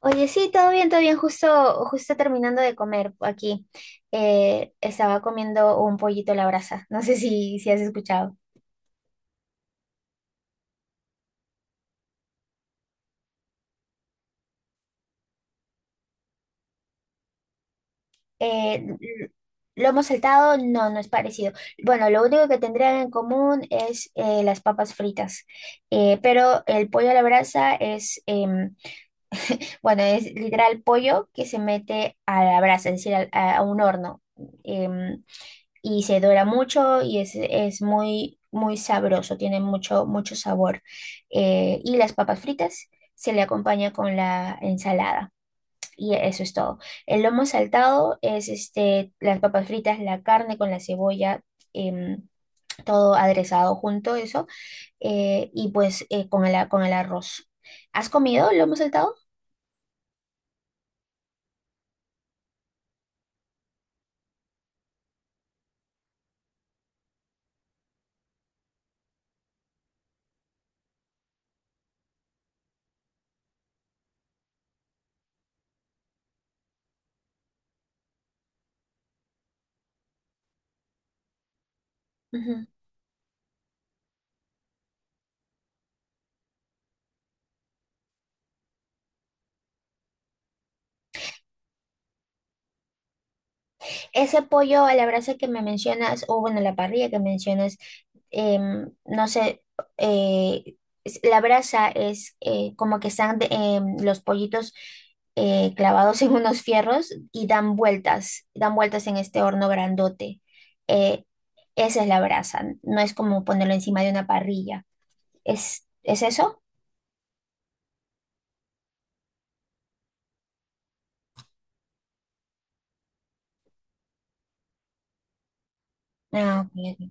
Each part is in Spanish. Oye, sí, todo bien, todo bien. Justo, justo terminando de comer aquí. Estaba comiendo un pollito a la brasa. No sé si has escuchado. Eh, l- Lomo saltado, no, no es parecido. Bueno, lo único que tendrían en común es las papas fritas. Pero el pollo a la brasa es, bueno, es literal pollo que se mete a la brasa, es decir, a un horno. em, y se dora mucho y es muy sabroso, tiene mucho sabor. Y las papas fritas se le acompaña con la ensalada. Y eso es todo. El lomo saltado es este, las papas fritas, la carne con la cebolla, em, todo aderezado junto, eso, y pues con con el arroz. ¿Has comido lomo saltado? Ese pollo a la brasa que me mencionas, o bueno, la parrilla que mencionas, no sé, eh, la brasa es como que están los pollitos clavados en unos fierros y dan vueltas en este horno grandote. Eh, Esa es la brasa, no es como ponerlo encima de una parrilla. Es eso? Ah, ok.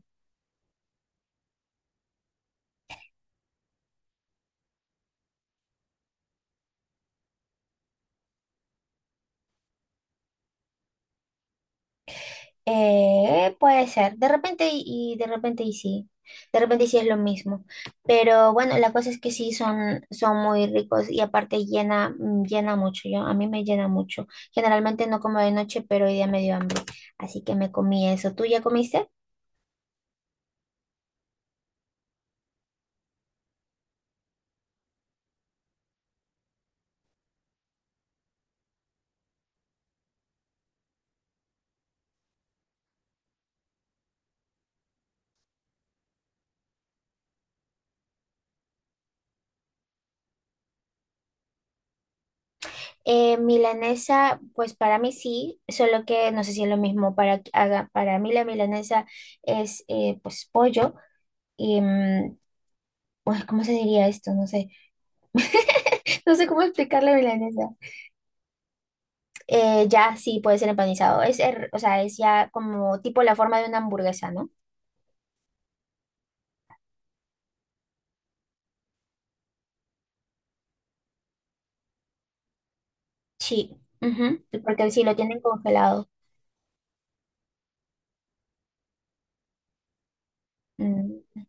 Puede ser, de repente y de repente y sí, de repente y sí es lo mismo, pero bueno, la cosa es que sí son, son muy ricos y aparte llena, mm, llena mucho, yo, a mí me llena mucho, generalmente no como de noche, pero hoy día me dio hambre, así que me comí eso. ¿Tú ya comiste? Milanesa, pues para mí sí, solo que no sé si es lo mismo, para mí la milanesa es pues pollo y, mm, pues, ¿cómo se diría esto? No sé, no sé cómo explicar la milanesa. Ya sí puede ser empanizado. O sea, es ya como tipo la forma de una hamburguesa, ¿no? Sí, ujú. Porque si lo tienen congelado. Mm,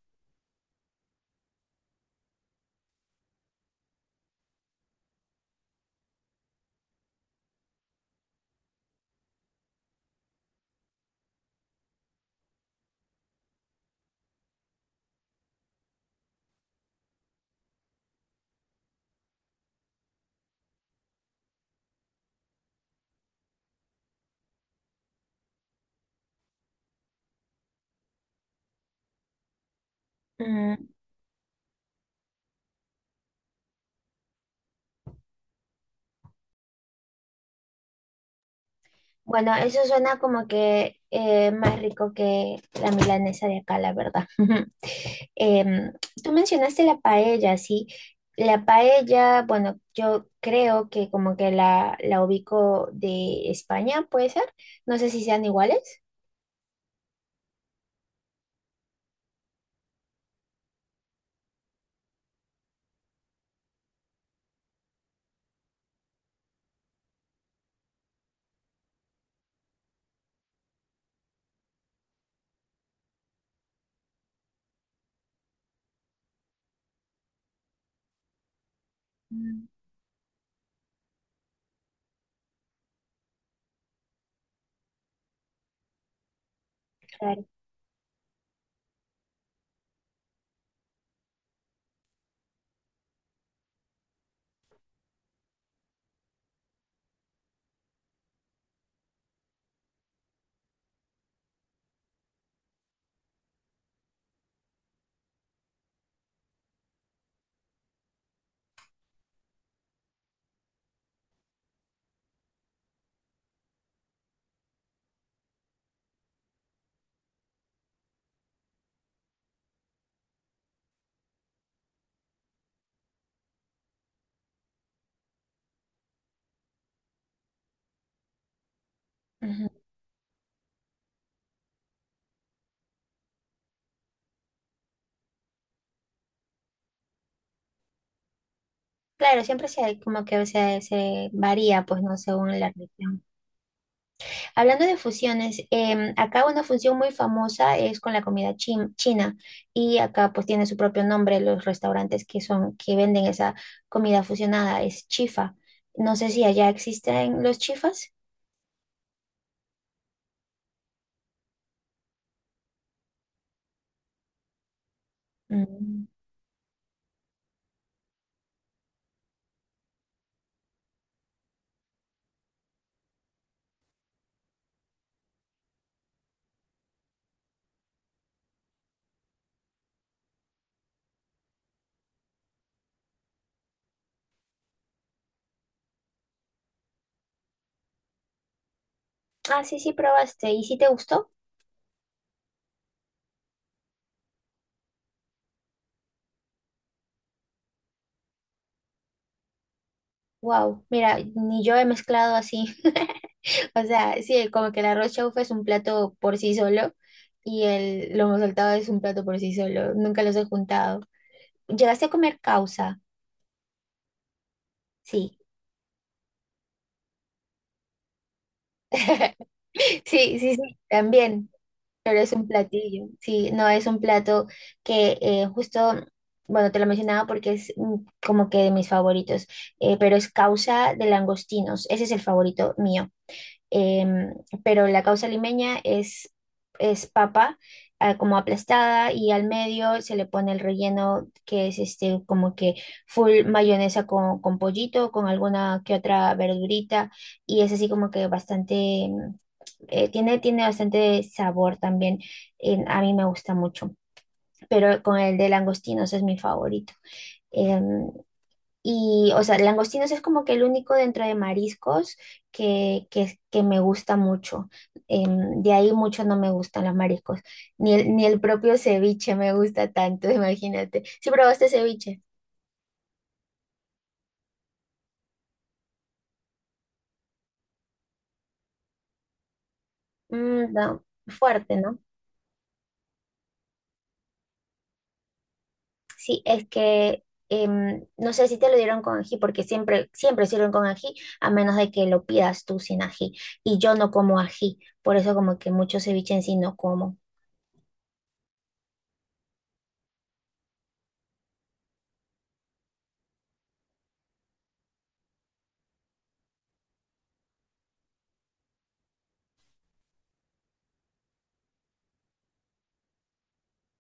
mm. Bueno, eso suena como que más rico que la milanesa de acá, la verdad. Em, Tú mencionaste la paella, ¿sí? La paella, bueno, yo creo que como que la ubico de España, ¿puede ser? No sé si sean iguales. Mm. Claro. Ujú. Claro, siempre se, como que se varía, pues, no, según la región. Hablando de fusiones, acá una fusión muy famosa es con la china y acá pues tiene su propio nombre los restaurantes que son que venden esa comida fusionada, es chifa. No sé si allá existen los chifas. Mm. Ah, sí, sí, probaste y si te gustó. Wow, mira, ni yo he mezclado así. O sea, sí, como que el arroz chaufa es un plato por sí solo y el lomo saltado es un plato por sí solo. Nunca los he juntado. ¿Llegaste a comer causa? Sí. Sí, sí, sí, también, pero es un platillo, sí, no es un plato que justo, bueno, te lo mencionaba porque es mm, como que de mis favoritos, pero es causa de langostinos, ese es el favorito mío. Em, pero la causa limeña es papa ah, como aplastada y al medio se le pone el relleno que es este como que full mayonesa con pollito, con alguna que otra verdurita y es así como que bastante... Tiene, tiene bastante sabor también. A mí me gusta mucho, pero con el de langostinos es mi favorito. Em, y, o sea, langostinos es como que el único dentro de mariscos que me gusta mucho. De ahí mucho no me gustan los mariscos. Ni el propio ceviche me gusta tanto, imagínate. ¿Sí probaste ceviche? Mm, no, fuerte, ¿no? Sí, es que no sé si te lo dieron con ají, porque siempre, siempre sirven con ají, a menos de que lo pidas tú sin ají. Y yo no como ají, por eso como que mucho ceviche en sí no como.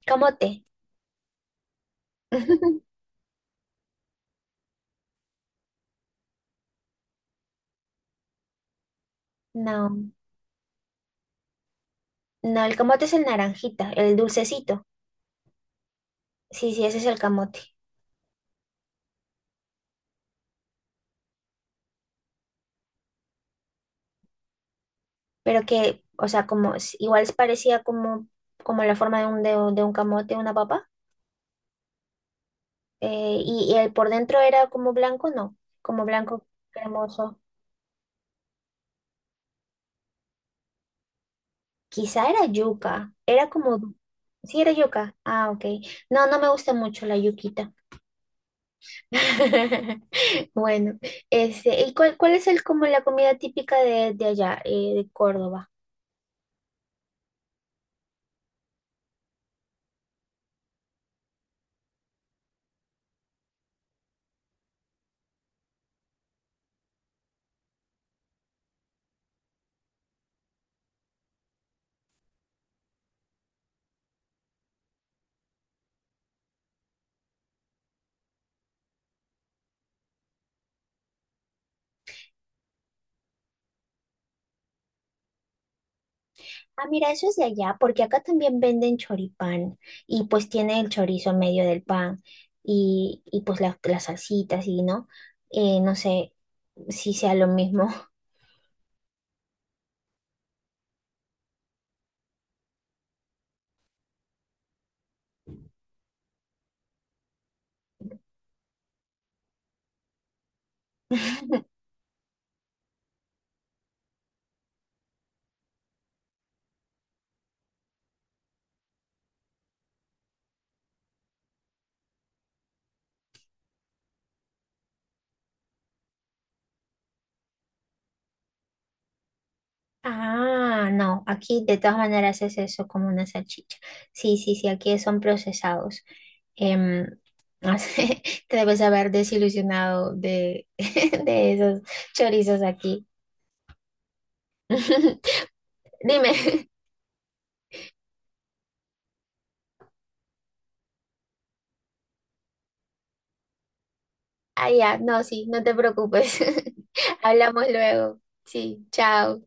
Camote. No, no, el camote es el naranjita, el dulcecito. Sí, sí, ese es el camote. Pero que, o sea, igual es parecía como, como la forma de un, de, un camote, una papa. Y, y el por dentro era como blanco, no, como blanco cremoso. Quizá era yuca, era como... Sí, era yuca. Ah, ok. No, no me gusta mucho la yuquita. Bueno, este, ¿y cuál, cuál es el, como la comida típica de allá, de Córdoba? Ah, mira, eso es de allá, porque acá también venden choripán y pues tiene el chorizo en medio del pan y pues las salsitas y, ¿no? No sé si sea lo mismo. Ah, no, aquí de todas maneras es eso como una salchicha. Sí, sí, sí, aquí son procesados. Em, no sé, te debes haber desilusionado de, de esos chorizos aquí. Dime, ah, ya, no, sí, no te preocupes. Hablamos luego. Sí, chao.